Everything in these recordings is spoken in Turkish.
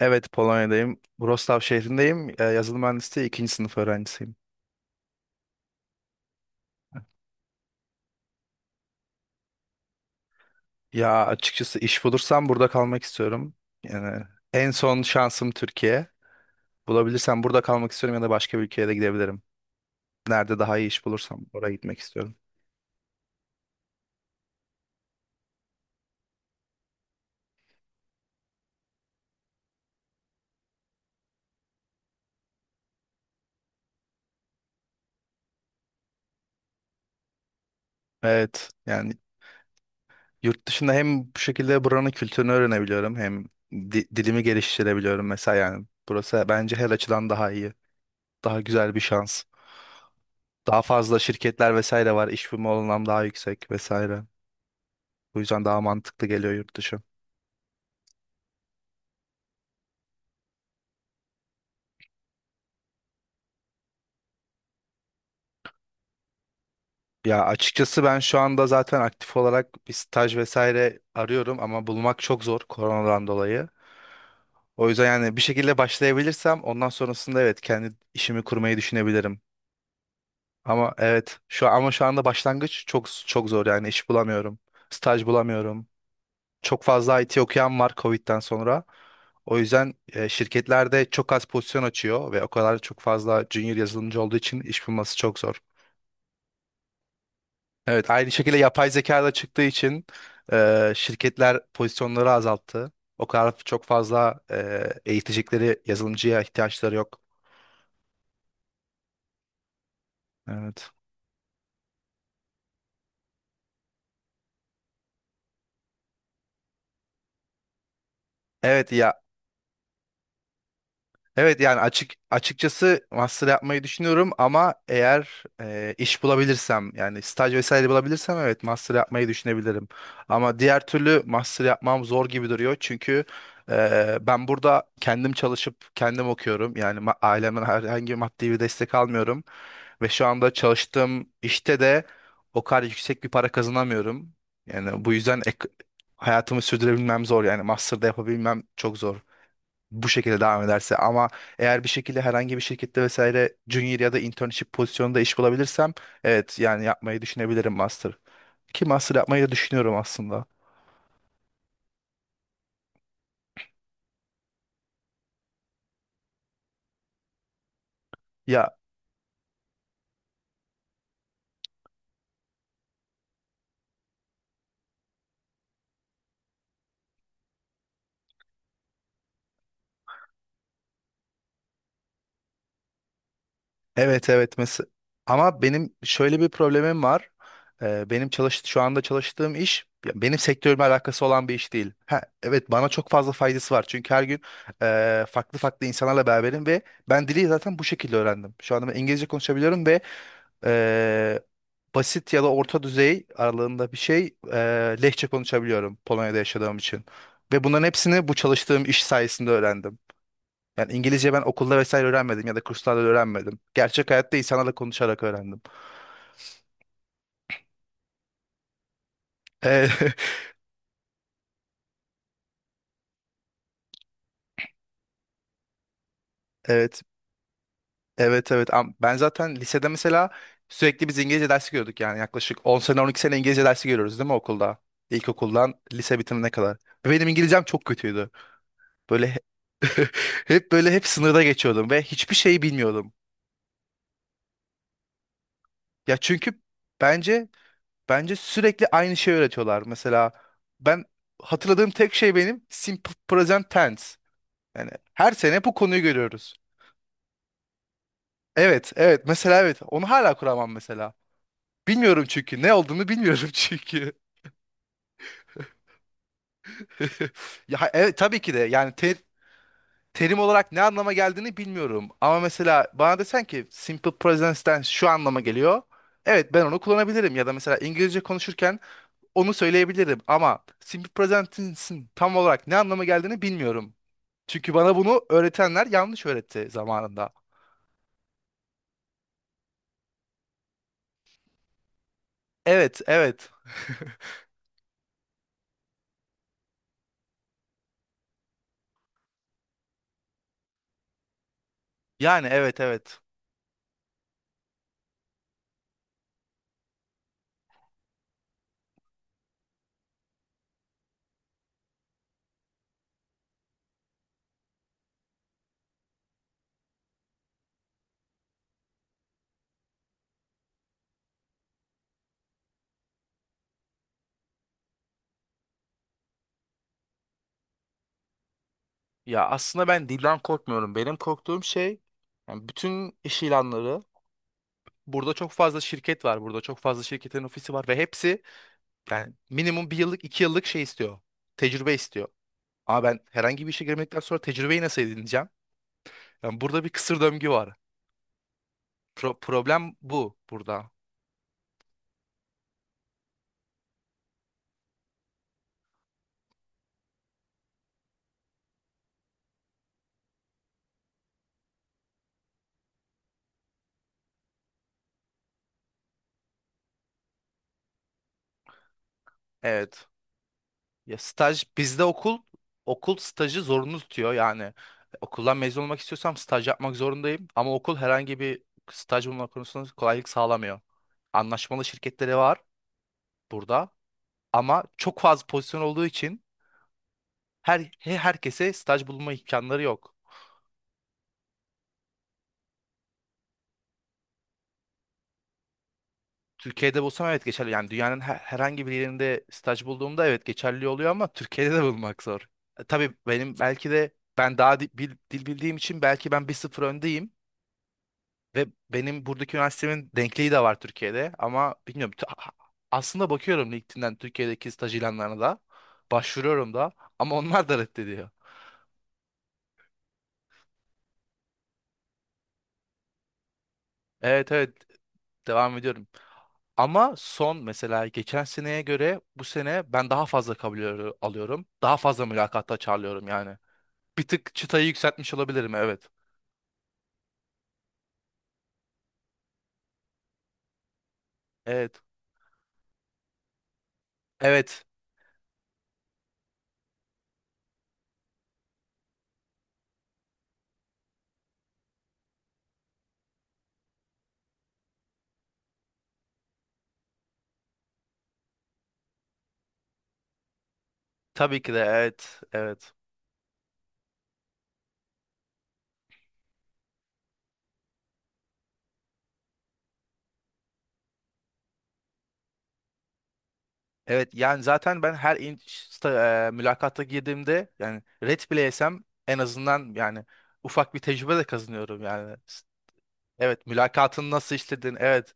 Evet, Polonya'dayım. Wrocław şehrindeyim. Yazılım mühendisliği ikinci sınıf öğrencisiyim. Ya açıkçası iş bulursam burada kalmak istiyorum. Yani en son şansım Türkiye. Bulabilirsem burada kalmak istiyorum ya da başka bir ülkeye de gidebilirim. Nerede daha iyi iş bulursam oraya gitmek istiyorum. Evet, yani yurt dışında hem bu şekilde buranın kültürünü öğrenebiliyorum hem dilimi geliştirebiliyorum mesela yani. Burası bence her açıdan daha iyi. Daha güzel bir şans. Daha fazla şirketler vesaire var. İş bulma olanağım daha yüksek vesaire. Bu yüzden daha mantıklı geliyor yurt dışı. Ya açıkçası ben şu anda zaten aktif olarak bir staj vesaire arıyorum ama bulmak çok zor koronadan dolayı. O yüzden yani bir şekilde başlayabilirsem ondan sonrasında evet kendi işimi kurmayı düşünebilirim. Ama evet şu anda başlangıç çok çok zor yani iş bulamıyorum. Staj bulamıyorum. Çok fazla IT okuyan var Covid'den sonra. O yüzden şirketlerde çok az pozisyon açıyor ve o kadar çok fazla junior yazılımcı olduğu için iş bulması çok zor. Evet, aynı şekilde yapay zeka da çıktığı için şirketler pozisyonları azalttı. O kadar çok fazla eğitecekleri yazılımcıya ihtiyaçları yok. Evet. Evet ya. Evet, yani açıkçası master yapmayı düşünüyorum ama eğer iş bulabilirsem yani staj vesaire bulabilirsem evet master yapmayı düşünebilirim. Ama diğer türlü master yapmam zor gibi duruyor çünkü ben burada kendim çalışıp kendim okuyorum. Yani ailemden herhangi bir maddi bir destek almıyorum ve şu anda çalıştığım işte de o kadar yüksek bir para kazanamıyorum. Yani bu yüzden hayatımı sürdürebilmem zor yani master'da yapabilmem çok zor bu şekilde devam ederse. Ama eğer bir şekilde herhangi bir şirkette vesaire junior ya da internship pozisyonunda iş bulabilirsem evet yani yapmayı düşünebilirim master. Ki master yapmayı da düşünüyorum aslında. Ya evet evet mes ama benim şöyle bir problemim var. Benim şu anda çalıştığım iş ya benim sektörümle alakası olan bir iş değil. Ha, evet bana çok fazla faydası var çünkü her gün farklı farklı insanlarla beraberim ve ben dili zaten bu şekilde öğrendim. Şu anda ben İngilizce konuşabiliyorum ve basit ya da orta düzey aralığında bir şey Lehçe konuşabiliyorum Polonya'da yaşadığım için. Ve bunların hepsini bu çalıştığım iş sayesinde öğrendim. Yani İngilizce ben okulda vesaire öğrenmedim ya da kurslarda da öğrenmedim. Gerçek hayatta insanlarla konuşarak öğrendim. E, evet, evet. Ben zaten lisede mesela sürekli biz İngilizce dersi görüyorduk yani yaklaşık 10 sene 12 sene İngilizce dersi görüyoruz değil mi okulda? İlkokuldan lise bitimine kadar. Ve benim İngilizcem çok kötüydü. Böyle hep sınırda geçiyordum ve hiçbir şeyi bilmiyordum. Ya çünkü bence bence sürekli aynı şeyi öğretiyorlar. Mesela ben hatırladığım tek şey benim simple present tense. Yani her sene bu konuyu görüyoruz. Evet, evet. Mesela evet. Onu hala kuramam mesela. Bilmiyorum çünkü. Ne olduğunu bilmiyorum çünkü. Ya evet, tabii ki de. Yani terim olarak ne anlama geldiğini bilmiyorum. Ama mesela bana desen ki simple present tense şu anlama geliyor. Evet, ben onu kullanabilirim. Ya da mesela İngilizce konuşurken onu söyleyebilirim ama simple present'in tam olarak ne anlama geldiğini bilmiyorum. Çünkü bana bunu öğretenler yanlış öğretti zamanında. Evet, evet. Yani evet, evet. Ya aslında ben dilden korkmuyorum. Benim korktuğum şey yani bütün iş ilanları. Burada çok fazla şirket var. Burada çok fazla şirketin ofisi var ve hepsi yani minimum bir yıllık, iki yıllık şey istiyor. Tecrübe istiyor. Ama ben herhangi bir işe girmedikten sonra tecrübeyi nasıl edineceğim? Yani burada bir kısır döngü var. Problem bu burada. Evet. Ya staj bizde okul stajı zorunlu tutuyor yani okuldan mezun olmak istiyorsam staj yapmak zorundayım ama okul herhangi bir staj bulma konusunda kolaylık sağlamıyor. Anlaşmalı şirketleri var burada ama çok fazla pozisyon olduğu için herkese staj bulma imkanları yok. Türkiye'de bulsam evet geçerli yani dünyanın herhangi bir yerinde staj bulduğumda evet geçerli oluyor ama Türkiye'de de bulmak zor. Tabii benim belki de ben daha dil bildiğim için belki ben bir sıfır öndeyim. Ve benim buradaki üniversitemin denkliği de var Türkiye'de ama bilmiyorum. Aslında bakıyorum LinkedIn'den Türkiye'deki staj ilanlarına da. Başvuruyorum da ama onlar da reddediyor. Evet, devam ediyorum. Ama son mesela geçen seneye göre bu sene ben daha fazla kabul alıyorum. Daha fazla mülakatta çağrılıyorum yani. Bir tık çıtayı yükseltmiş olabilirim, evet. Evet. Evet. Tabii ki de, evet. Evet. Evet yani zaten ben her in sta- e, mülakata girdiğimde yani red bile yesem en azından yani ufak bir tecrübe de kazanıyorum yani. Evet, mülakatın nasıl işledin, evet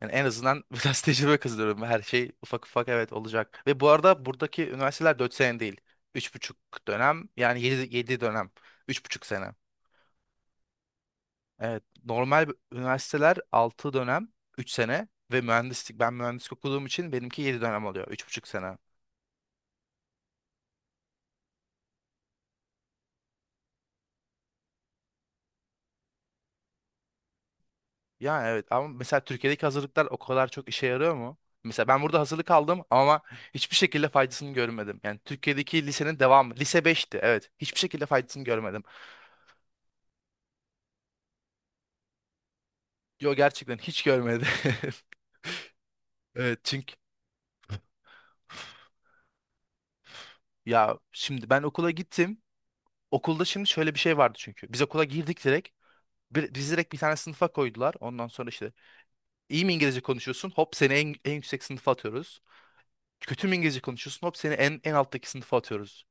yani en azından biraz tecrübe kazanıyorum, her şey ufak ufak evet olacak. Ve bu arada buradaki üniversiteler 4 sene değil üç buçuk yani 7 dönem, üç buçuk sene. Evet normal üniversiteler 6 dönem, 3 sene ve mühendislik, ben mühendislik okuduğum için benimki 7 dönem oluyor, üç buçuk sene. Yani evet ama mesela Türkiye'deki hazırlıklar o kadar çok işe yarıyor mu? Mesela ben burada hazırlık aldım ama hiçbir şekilde faydasını görmedim. Yani Türkiye'deki lisenin devamı. Lise beşti, evet. Hiçbir şekilde faydasını görmedim. Yo, gerçekten hiç görmedim. Evet çünkü ya şimdi ben okula gittim. Okulda şimdi şöyle bir şey vardı çünkü. Biz okula girdik direkt. Bir, bizi direkt bir tane sınıfa koydular. Ondan sonra işte iyi mi İngilizce konuşuyorsun? Hop seni en yüksek sınıfa atıyoruz. Kötü mü İngilizce konuşuyorsun? Hop seni en alttaki sınıfa atıyoruz.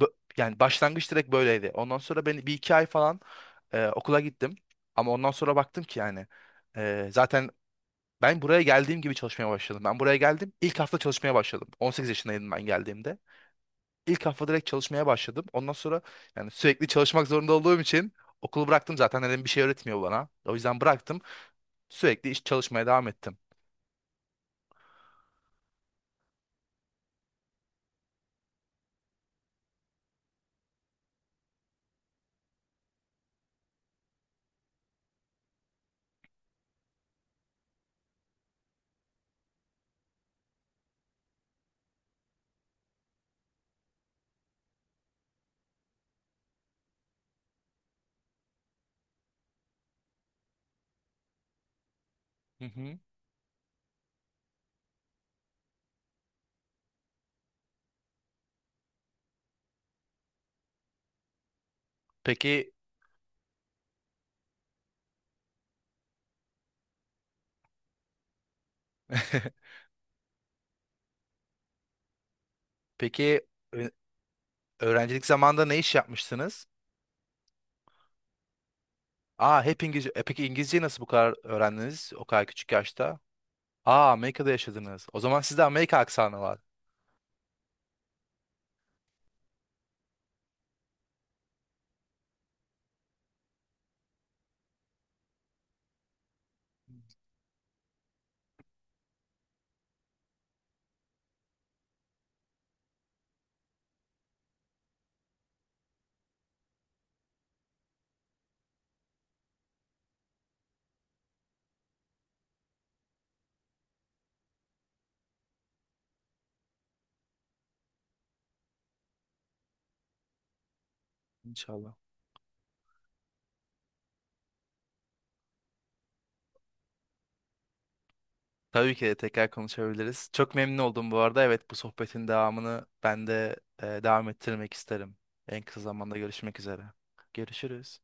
Yani başlangıç direkt böyleydi. Ondan sonra ben bir iki ay falan okula gittim. Ama ondan sonra baktım ki yani zaten ben buraya geldiğim gibi çalışmaya başladım. Ben buraya geldim, ilk hafta çalışmaya başladım. 18 yaşındaydım ben geldiğimde. İlk hafta direkt çalışmaya başladım. Ondan sonra yani sürekli çalışmak zorunda olduğum için okulu bıraktım zaten, dedim bir şey öğretmiyor bana. O yüzden bıraktım. Sürekli iş çalışmaya devam ettim. Hı hı. Peki peki ö- öğrencilik zamanında ne iş yapmıştınız? Aa, hep İngilizce. E peki İngilizceyi nasıl bu kadar öğrendiniz o kadar küçük yaşta? Aa, Amerika'da yaşadınız. O zaman sizde Amerika aksanı var. İnşallah. Tabii ki de tekrar konuşabiliriz. Çok memnun oldum bu arada. Evet, bu sohbetin devamını ben de devam ettirmek isterim. En kısa zamanda görüşmek üzere. Görüşürüz.